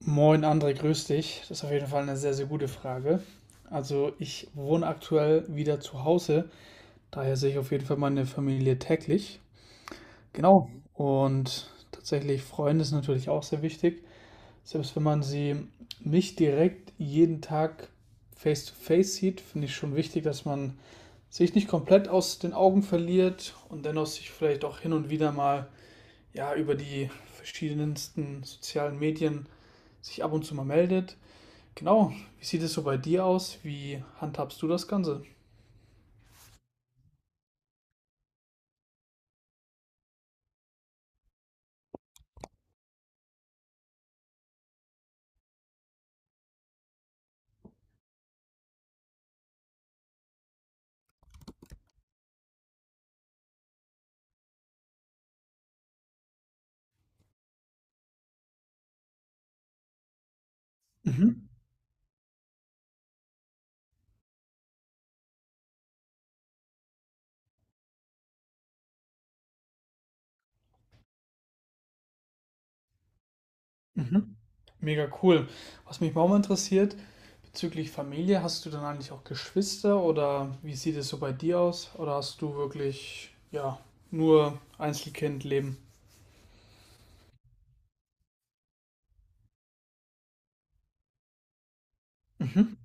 Moin André, grüß dich. Das ist auf jeden Fall eine sehr, sehr gute Frage. Also ich wohne aktuell wieder zu Hause, daher sehe ich auf jeden Fall meine Familie täglich. Genau. Und tatsächlich Freunde ist natürlich auch sehr wichtig. Selbst wenn man sie nicht direkt jeden Tag face-to-face sieht, finde ich schon wichtig, dass man sich nicht komplett aus den Augen verliert und dennoch sich vielleicht auch hin und wieder mal ja über die verschiedensten sozialen Medien sich ab und zu mal meldet. Genau. Wie sieht es so bei dir aus? Wie handhabst du das Ganze? Mhm. Mhm. Mega cool. Was mich auch mal interessiert, bezüglich Familie, hast du dann eigentlich auch Geschwister oder wie sieht es so bei dir aus? Oder hast du wirklich, ja, nur Einzelkindleben? Mhm.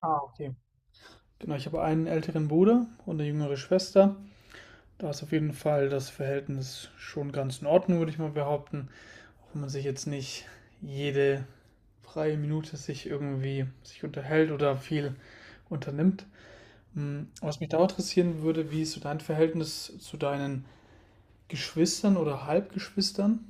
Ah, okay. Genau, ich habe einen älteren Bruder und eine jüngere Schwester. Da ist auf jeden Fall das Verhältnis schon ganz in Ordnung, würde ich mal behaupten. Auch wenn man sich jetzt nicht jede freie Minute sich irgendwie sich unterhält oder viel unternimmt. Was mich da interessieren würde, wie ist so dein Verhältnis zu deinen Geschwistern oder Halbgeschwistern?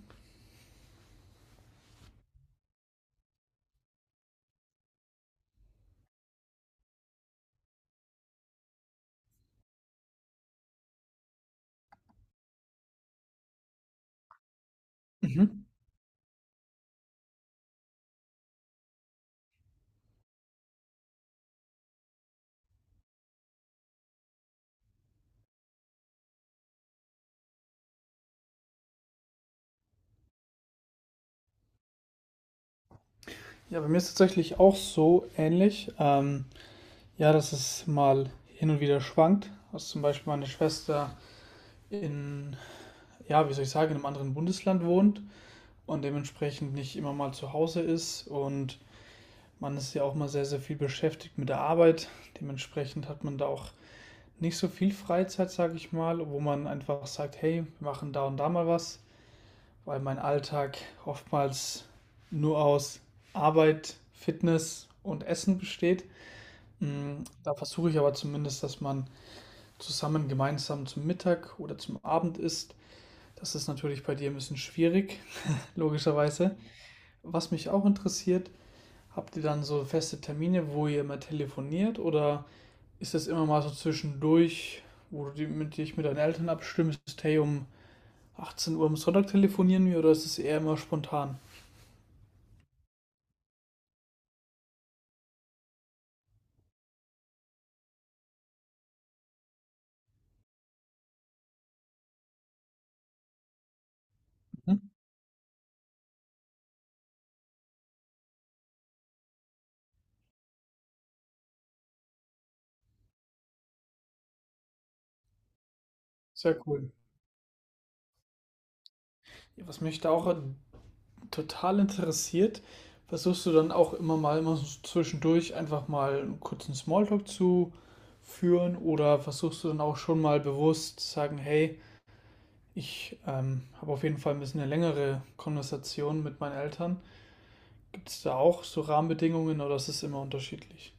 Mhm. Ja, bei mir ist es tatsächlich auch so ähnlich. Ja, dass es mal hin und wieder schwankt. Dass zum Beispiel meine Schwester in, ja, wie soll ich sagen, in einem anderen Bundesland wohnt und dementsprechend nicht immer mal zu Hause ist. Und man ist ja auch mal sehr, sehr viel beschäftigt mit der Arbeit. Dementsprechend hat man da auch nicht so viel Freizeit, sage ich mal, wo man einfach sagt, hey, wir machen da und da mal was, weil mein Alltag oftmals nur aus Arbeit, Fitness und Essen besteht. Da versuche ich aber zumindest, dass man zusammen gemeinsam zum Mittag oder zum Abend isst. Das ist natürlich bei dir ein bisschen schwierig, logischerweise. Was mich auch interessiert, habt ihr dann so feste Termine, wo ihr immer telefoniert oder ist das immer mal so zwischendurch, wo du dich mit deinen Eltern abstimmst, hey, um 18 Uhr am Sonntag telefonieren wir oder ist es eher immer spontan? Mhm. Sehr cool. Ja, was mich da auch total interessiert, versuchst du dann auch immer mal immer so zwischendurch einfach mal einen kurzen Smalltalk zu führen oder versuchst du dann auch schon mal bewusst zu sagen, hey, ich habe auf jeden Fall ein bisschen eine längere Konversation mit meinen Eltern. Gibt es da auch so Rahmenbedingungen oder ist es immer unterschiedlich?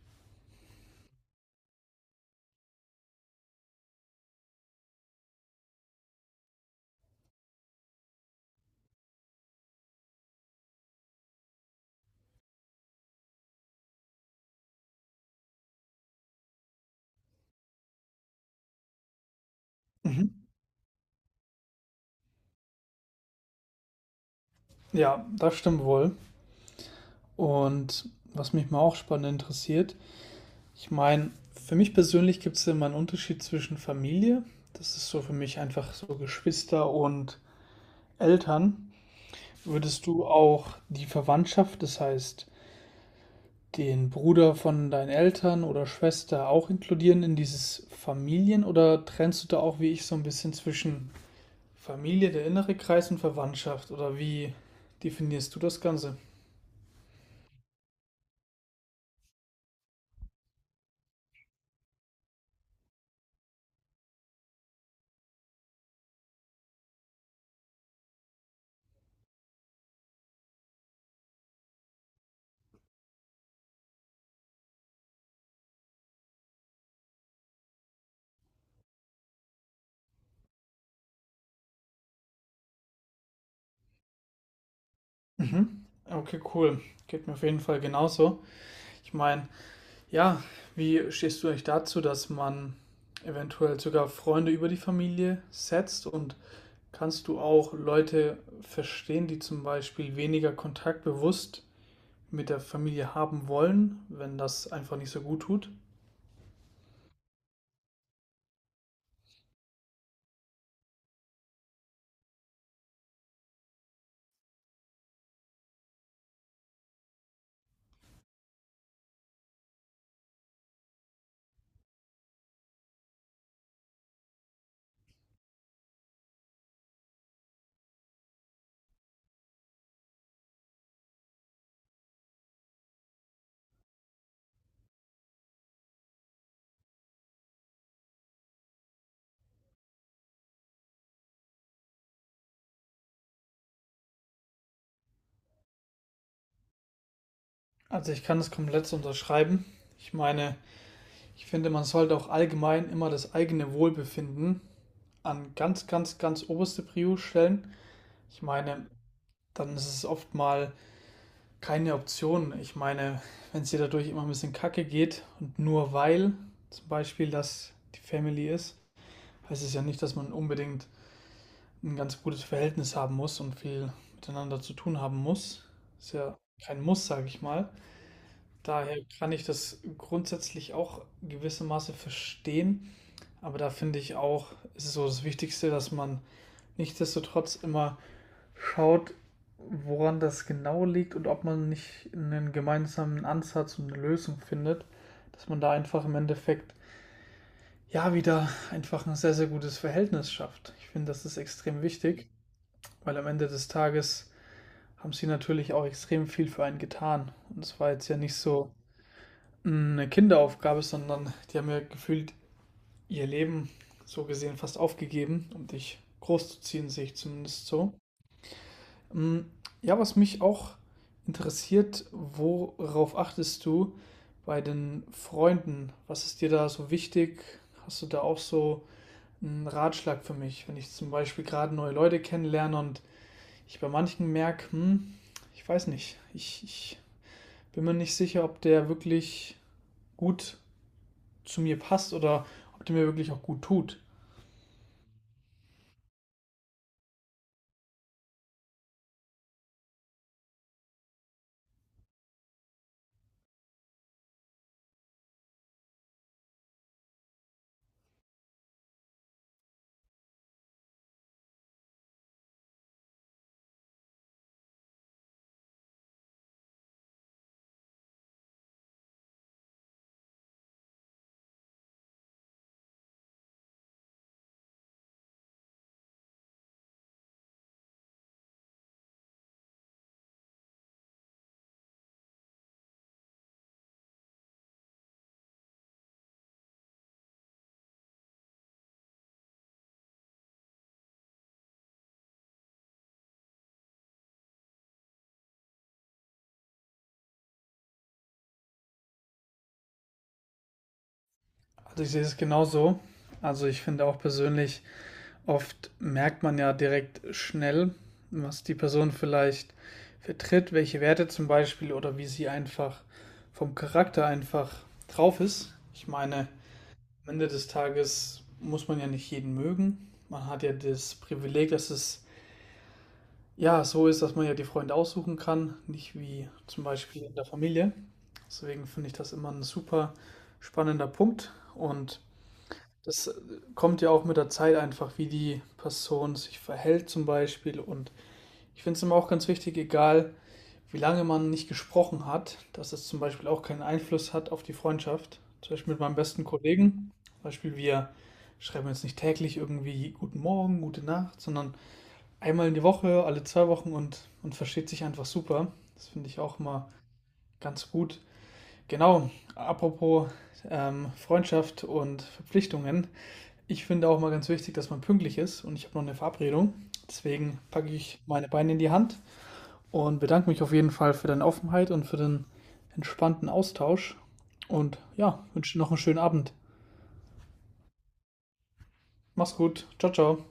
Mhm. Ja, das stimmt wohl. Und was mich mal auch spannend interessiert, ich meine, für mich persönlich gibt es immer einen Unterschied zwischen Familie, das ist so für mich einfach so Geschwister und Eltern. Würdest du auch die Verwandtschaft, das heißt den Bruder von deinen Eltern oder Schwester auch inkludieren in dieses Familien oder trennst du da auch wie ich so ein bisschen zwischen Familie, der innere Kreis und Verwandtschaft oder wie definierst du das Ganze? Mhm. Okay, cool. Geht mir auf jeden Fall genauso. Ich meine, ja, wie stehst du eigentlich dazu, dass man eventuell sogar Freunde über die Familie setzt? Und kannst du auch Leute verstehen, die zum Beispiel weniger Kontakt bewusst mit der Familie haben wollen, wenn das einfach nicht so gut tut? Also ich kann das komplett so unterschreiben. Ich meine, ich finde, man sollte auch allgemein immer das eigene Wohlbefinden an ganz, ganz, ganz oberste Prio stellen. Ich meine, dann ist es oft mal keine Option. Ich meine, wenn es dir dadurch immer ein bisschen kacke geht und nur weil zum Beispiel das die Family ist, heißt es ja nicht, dass man unbedingt ein ganz gutes Verhältnis haben muss und viel miteinander zu tun haben muss. Ist ja kein Muss, sage ich mal. Daher kann ich das grundsätzlich auch gewissermaßen verstehen. Aber da finde ich auch, ist es so das Wichtigste, dass man nichtsdestotrotz immer schaut, woran das genau liegt und ob man nicht einen gemeinsamen Ansatz und eine Lösung findet, dass man da einfach im Endeffekt ja wieder einfach ein sehr, sehr gutes Verhältnis schafft. Ich finde, das ist extrem wichtig, weil am Ende des Tages haben sie natürlich auch extrem viel für einen getan. Und es war jetzt ja nicht so eine Kinderaufgabe, sondern die haben ja gefühlt ihr Leben so gesehen fast aufgegeben, um dich großzuziehen, sehe ich zumindest so. Mm, Ja, was mich auch interessiert, worauf achtest du bei den Freunden? Was ist dir da so wichtig? Hast du da auch so einen Ratschlag für mich, wenn ich zum Beispiel gerade neue Leute kennenlerne und ich bei manchen merke, ich weiß nicht, ich bin mir nicht sicher, ob der wirklich gut zu mir passt oder ob der mir wirklich auch gut tut. Also ich sehe es genauso. Also ich finde auch persönlich, oft merkt man ja direkt schnell, was die Person vielleicht vertritt, welche Werte zum Beispiel oder wie sie einfach vom Charakter einfach drauf ist. Ich meine, am Ende des Tages muss man ja nicht jeden mögen. Man hat ja das Privileg, dass es ja so ist, dass man ja die Freunde aussuchen kann, nicht wie zum Beispiel in der Familie. Deswegen finde ich das immer ein super spannender Punkt und das kommt ja auch mit der Zeit einfach, wie die Person sich verhält zum Beispiel. Und ich finde es immer auch ganz wichtig, egal wie lange man nicht gesprochen hat, dass es zum Beispiel auch keinen Einfluss hat auf die Freundschaft. Zum Beispiel mit meinem besten Kollegen. Zum Beispiel wir schreiben jetzt nicht täglich irgendwie guten Morgen, gute Nacht, sondern einmal in die Woche, alle 2 Wochen und man versteht sich einfach super. Das finde ich auch immer ganz gut. Genau, apropos Freundschaft und Verpflichtungen. Ich finde auch mal ganz wichtig, dass man pünktlich ist und ich habe noch eine Verabredung. Deswegen packe ich meine Beine in die Hand und bedanke mich auf jeden Fall für deine Offenheit und für den entspannten Austausch. Und ja, wünsche dir noch einen schönen Abend. Mach's gut. Ciao, ciao.